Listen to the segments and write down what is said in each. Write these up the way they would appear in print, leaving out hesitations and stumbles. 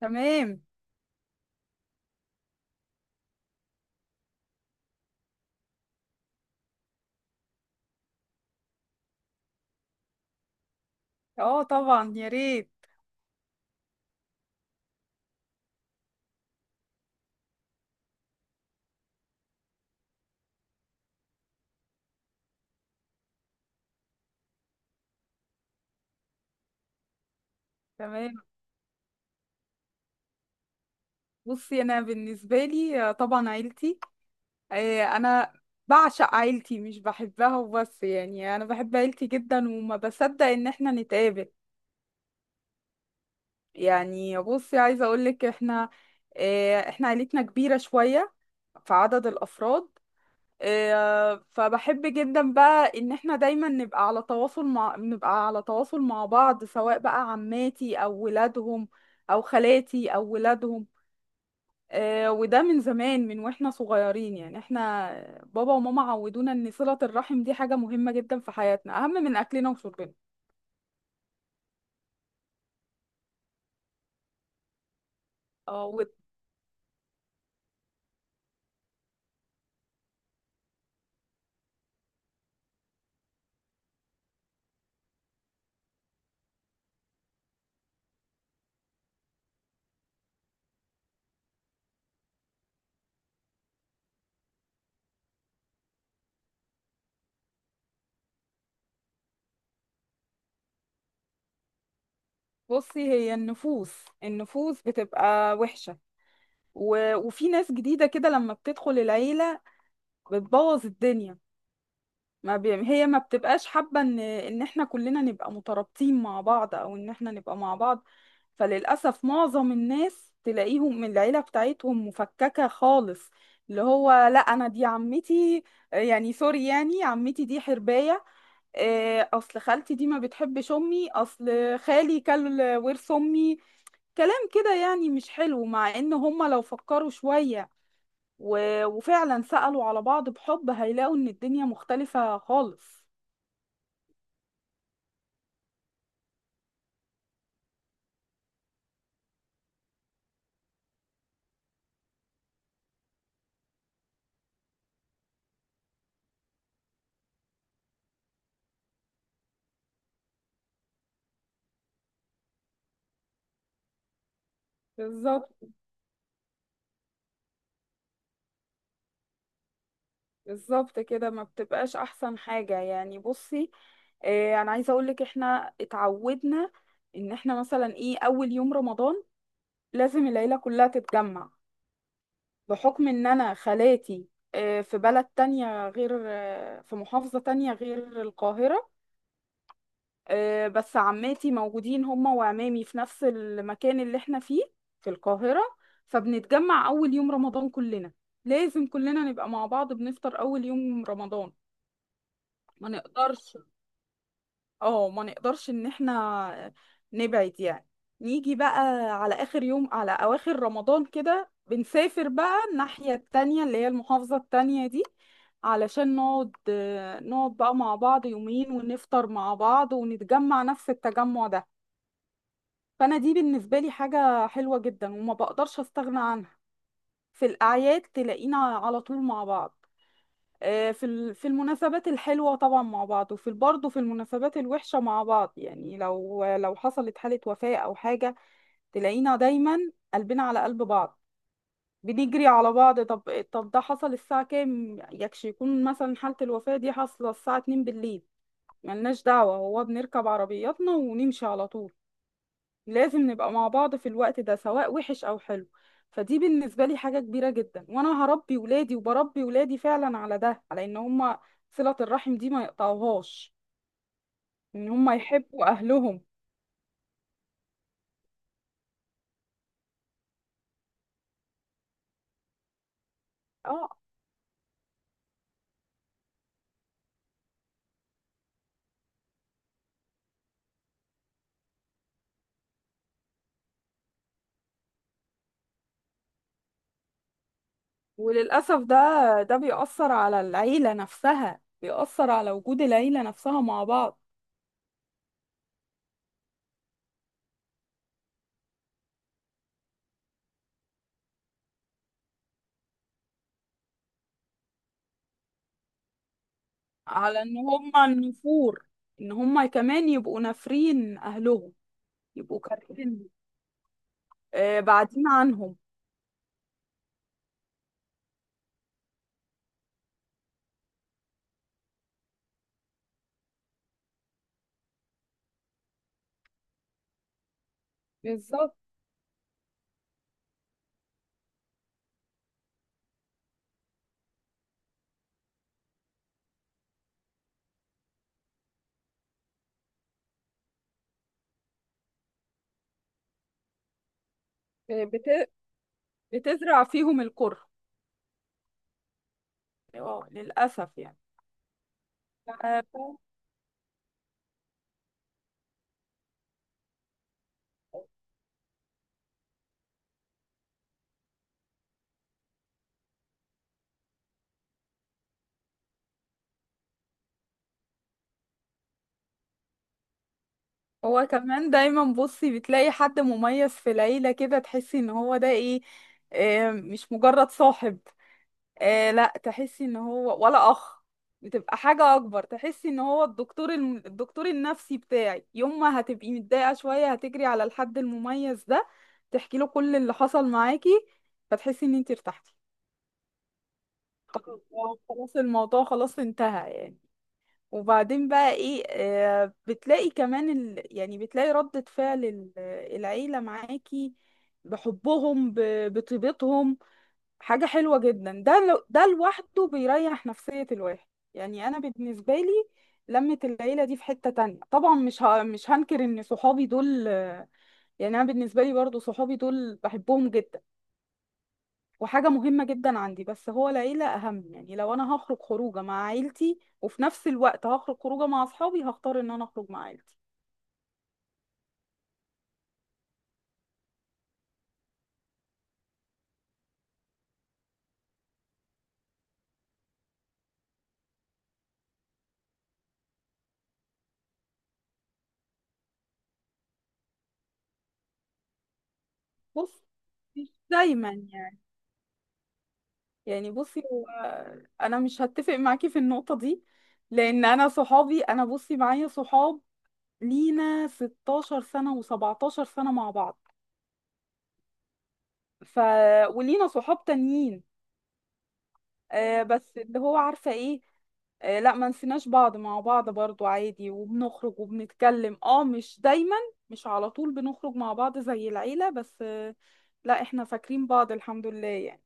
تمام. اه، طبعا يا ريت. تمام. بصي، انا بالنسبه لي، طبعا عيلتي. انا بعشق عيلتي مش بحبها وبس، يعني انا بحب عيلتي جدا وما بصدق ان احنا نتقابل. يعني بصي، عايزه اقول لك احنا احنا عيلتنا كبيره شويه في عدد الافراد. فبحب جدا بقى ان احنا دايما نبقى على تواصل مع بعض، سواء بقى عماتي او ولادهم او خالاتي او ولادهم. وده من زمان، من واحنا صغيرين، يعني احنا بابا وماما عودونا ان صلة الرحم دي حاجة مهمة جدا في حياتنا، اهم من اكلنا وشربنا. اه. وبصي، هي النفوس بتبقى وحشة. وفي ناس جديدة كده لما بتدخل العيلة بتبوظ الدنيا. ما بي... هي ما بتبقاش حابة ان احنا كلنا نبقى مترابطين مع بعض، او ان احنا نبقى مع بعض. فللأسف معظم الناس تلاقيهم من العيلة بتاعتهم مفككة خالص. اللي هو، لا انا دي عمتي، يعني سوري، يعني عمتي دي حرباية. اصل خالتي دي ما بتحبش امي، اصل خالي كل ورث امي. كلام كده يعني مش حلو، مع ان هما لو فكروا شوية وفعلا سألوا على بعض بحب، هيلاقوا ان الدنيا مختلفة خالص. بالظبط. بالظبط كده، ما بتبقاش احسن حاجة. يعني بصي، انا عايزة اقولك احنا اتعودنا ان احنا مثلا ايه، اول يوم رمضان لازم العيلة كلها تتجمع. بحكم ان انا خالاتي في بلد تانية، غير في محافظة تانية غير القاهرة. بس عماتي موجودين هما وعمامي في نفس المكان اللي احنا فيه في القاهرة. فبنتجمع اول يوم رمضان كلنا، لازم كلنا نبقى مع بعض، بنفطر اول يوم رمضان، ما نقدرش. اه، ما نقدرش ان احنا نبعد يعني. نيجي بقى على اخر يوم، على اواخر رمضان كده بنسافر بقى الناحية التانية اللي هي المحافظة التانية دي، علشان نقعد، نقعد بقى مع بعض يومين ونفطر مع بعض، ونتجمع نفس التجمع ده. فانا دي بالنسبة لي حاجة حلوة جدا وما بقدرش استغنى عنها. في الاعياد تلاقينا على طول مع بعض، في ال- في المناسبات الحلوة طبعا مع بعض، وفي برضه في المناسبات الوحشة مع بعض، يعني لو حصلت حالة وفاة أو حاجة تلاقينا دايما قلبنا على قلب بعض، بنجري على بعض. طب ده حصل الساعة كام؟ يكون مثلا حالة الوفاة دي حاصلة الساعة 2 بالليل، ملناش دعوة، هو بنركب عربياتنا ونمشي على طول. لازم نبقى مع بعض في الوقت ده سواء وحش أو حلو. فدي بالنسبة لي حاجة كبيرة جدا، وأنا هربي ولادي وبربي ولادي فعلا على ده، على إن هما صلة الرحم دي ما يقطعوهاش، إن هما يحبوا أهلهم. اه. وللأسف ده، بيأثر على العيلة نفسها، بيأثر على وجود العيلة نفسها مع بعض. على إن هما النفور، إن هما كمان يبقوا نافرين أهلهم، يبقوا كارهين، بعدين عنهم. بالظبط. بت- بتزرع فيهم الكره. اه، للأسف يعني. آه، هو كمان دايما بصي بتلاقي حد مميز في العيلة كده، تحسي ان هو ده ايه، مش مجرد صاحب، لا تحسي ان هو ولا اخ، بتبقى حاجة اكبر. تحسي ان هو الدكتور الدكتور النفسي بتاعي، يوم ما هتبقي متضايقة شوية هتجري على الحد المميز ده، تحكي له كل اللي حصل معاكي، فتحسي ان انتي ارتحتي، خلاص. خلاص الموضوع خلاص انتهى يعني. وبعدين بقى ايه، بتلاقي كمان يعني بتلاقي ردة فعل العيلة معاكي، بحبهم بطيبتهم، حاجة حلوة جدا. ده لوحده بيريح نفسية الواحد. يعني انا بالنسبة لي، لمة العيلة دي في حتة تانية طبعا. مش هنكر ان صحابي دول، يعني انا بالنسبة لي برضو صحابي دول بحبهم جدا، وحاجة مهمة جدا عندي، بس هو العيلة أهم. يعني لو أنا هخرج خروجة مع عيلتي وفي نفس الوقت هخرج خروجة مع أصحابي، هختار إن أنا أخرج مع عيلتي. بص، مش دايما يعني، يعني بصي هو، أنا مش هتفق معاكي في النقطة دي، لأن أنا صحابي، أنا بصي معايا صحاب لينا 16 سنة و17 سنة مع بعض. ف، ولينا صحاب تانيين، آه، بس اللي هو عارفة ايه، آه لا ما نسيناش بعض، مع بعض برضو عادي وبنخرج وبنتكلم. اه، مش دايما، مش على طول بنخرج مع بعض زي العيلة، بس آه، لا احنا فاكرين بعض الحمد لله يعني.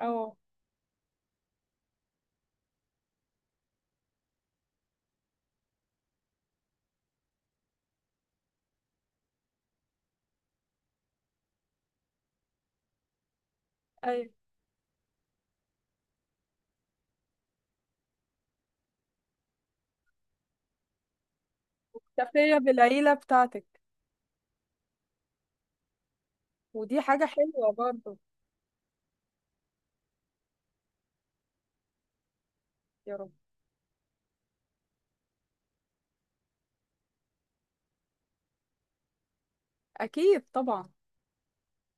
اه. ايوه. تفرية بالعيلة بتاعتك، ودي حاجة حلوة برضو. يا رب. اكيد طبعا.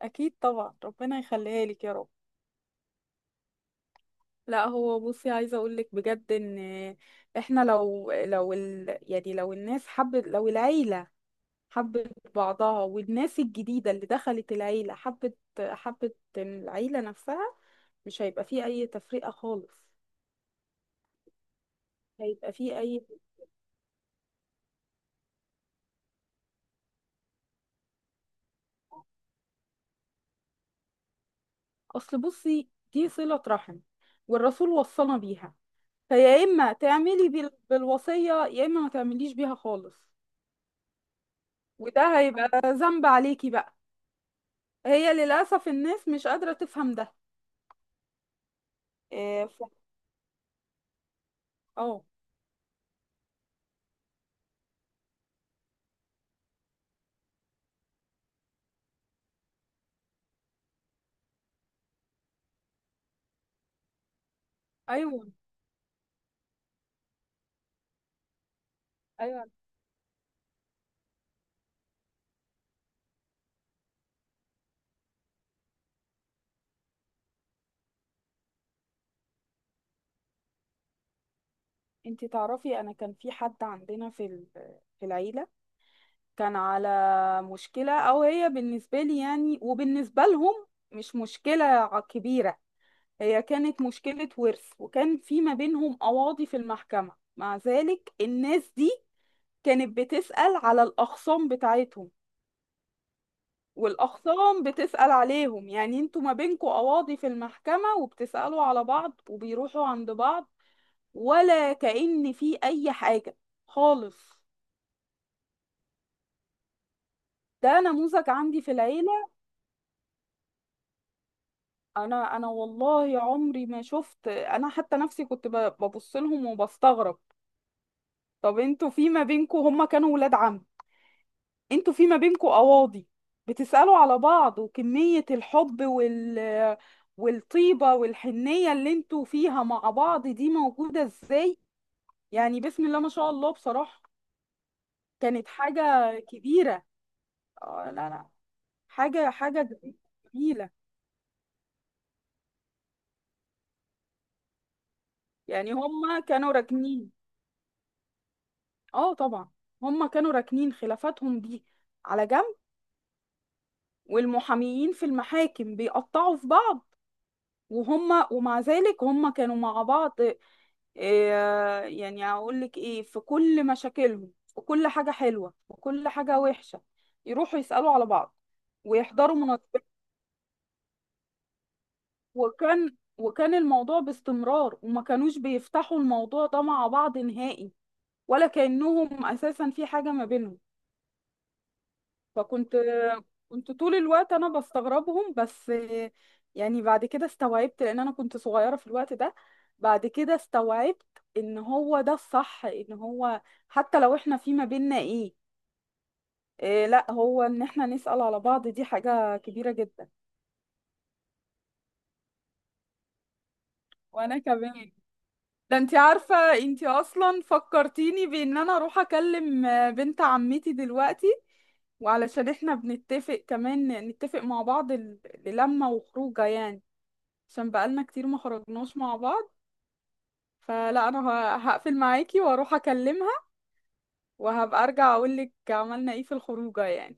اكيد طبعا، ربنا يخليها لك يا رب. لا هو بصي، عايزة اقولك بجد ان احنا لو يعني لو الناس حبت، لو العيلة حبت بعضها، والناس الجديدة اللي دخلت العيلة حبت العيلة نفسها، مش هيبقى فيه أي تفرقة خالص، هيبقى فيه أي. أصل بصي دي صلة رحم، والرسول وصانا بيها. فيا إما تعملي بالوصية، يا إما ما تعمليش بيها خالص. وده هيبقى ذنب عليكي بقى. هي للأسف الناس مش قادرة تفهم ده. إيه، ف- اه. أيوه. أيوه، انتي تعرفي أنا كان في حد عندنا في العيلة، كان على مشكلة، أو هي بالنسبة لي يعني وبالنسبة لهم مش مشكلة كبيرة. هي كانت مشكلة ورث، وكان في ما بينهم قواضي في المحكمة. مع ذلك الناس دي كانت بتسأل على الأخصام بتاعتهم، والأخصام بتسأل عليهم. يعني انتوا ما بينكوا قواضي في المحكمة وبتسألوا على بعض، وبيروحوا عند بعض، ولا كأن في أي حاجة خالص. ده نموذج عندي في العيلة. انا والله عمري ما شفت، انا حتى نفسي كنت ببص لهم وبستغرب. طب انتوا في ما بينكم، هما كانوا ولاد عم، انتوا في ما بينكم قواضي بتسألوا على بعض؟ وكمية الحب وال، والطيبة والحنية اللي انتوا فيها مع بعض دي موجودة ازاي؟ يعني بسم الله ما شاء الله بصراحة. كانت حاجة كبيرة. آه، لا لا، حاجة جميلة. يعني هما كانوا راكنين. اه طبعا، هما كانوا راكنين خلافاتهم دي على جنب، والمحاميين في المحاكم بيقطعوا في بعض، وهما، ومع ذلك هما كانوا مع بعض. يعني اقول لك ايه، في كل مشاكلهم، في كل حاجة حلوة وكل حاجة وحشة يروحوا يسألوا على بعض، ويحضروا مناسبات. وكان الموضوع باستمرار، وما كانوش بيفتحوا الموضوع ده مع بعض نهائي، ولا كأنهم أساسا في حاجة ما بينهم. فكنت كنت طول الوقت انا بستغربهم بس، يعني بعد كده استوعبت لان انا كنت صغيرة في الوقت ده. بعد كده استوعبت ان هو ده الصح، ان هو حتى لو احنا في ما بيننا ايه، إيه، لا، هو ان احنا نسأل على بعض دي حاجة كبيرة جدا. وانا كمان، ده انت عارفة انت اصلا فكرتيني بان انا اروح اكلم بنت عمتي دلوقتي، وعلشان احنا بنتفق كمان نتفق مع بعض للمة وخروجه يعني، عشان بقالنا كتير ما خرجناش مع بعض. فلا انا هقفل معاكي واروح اكلمها، وهبقى ارجع اقولك عملنا ايه في الخروجه يعني.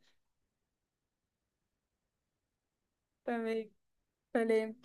تمام، سلام.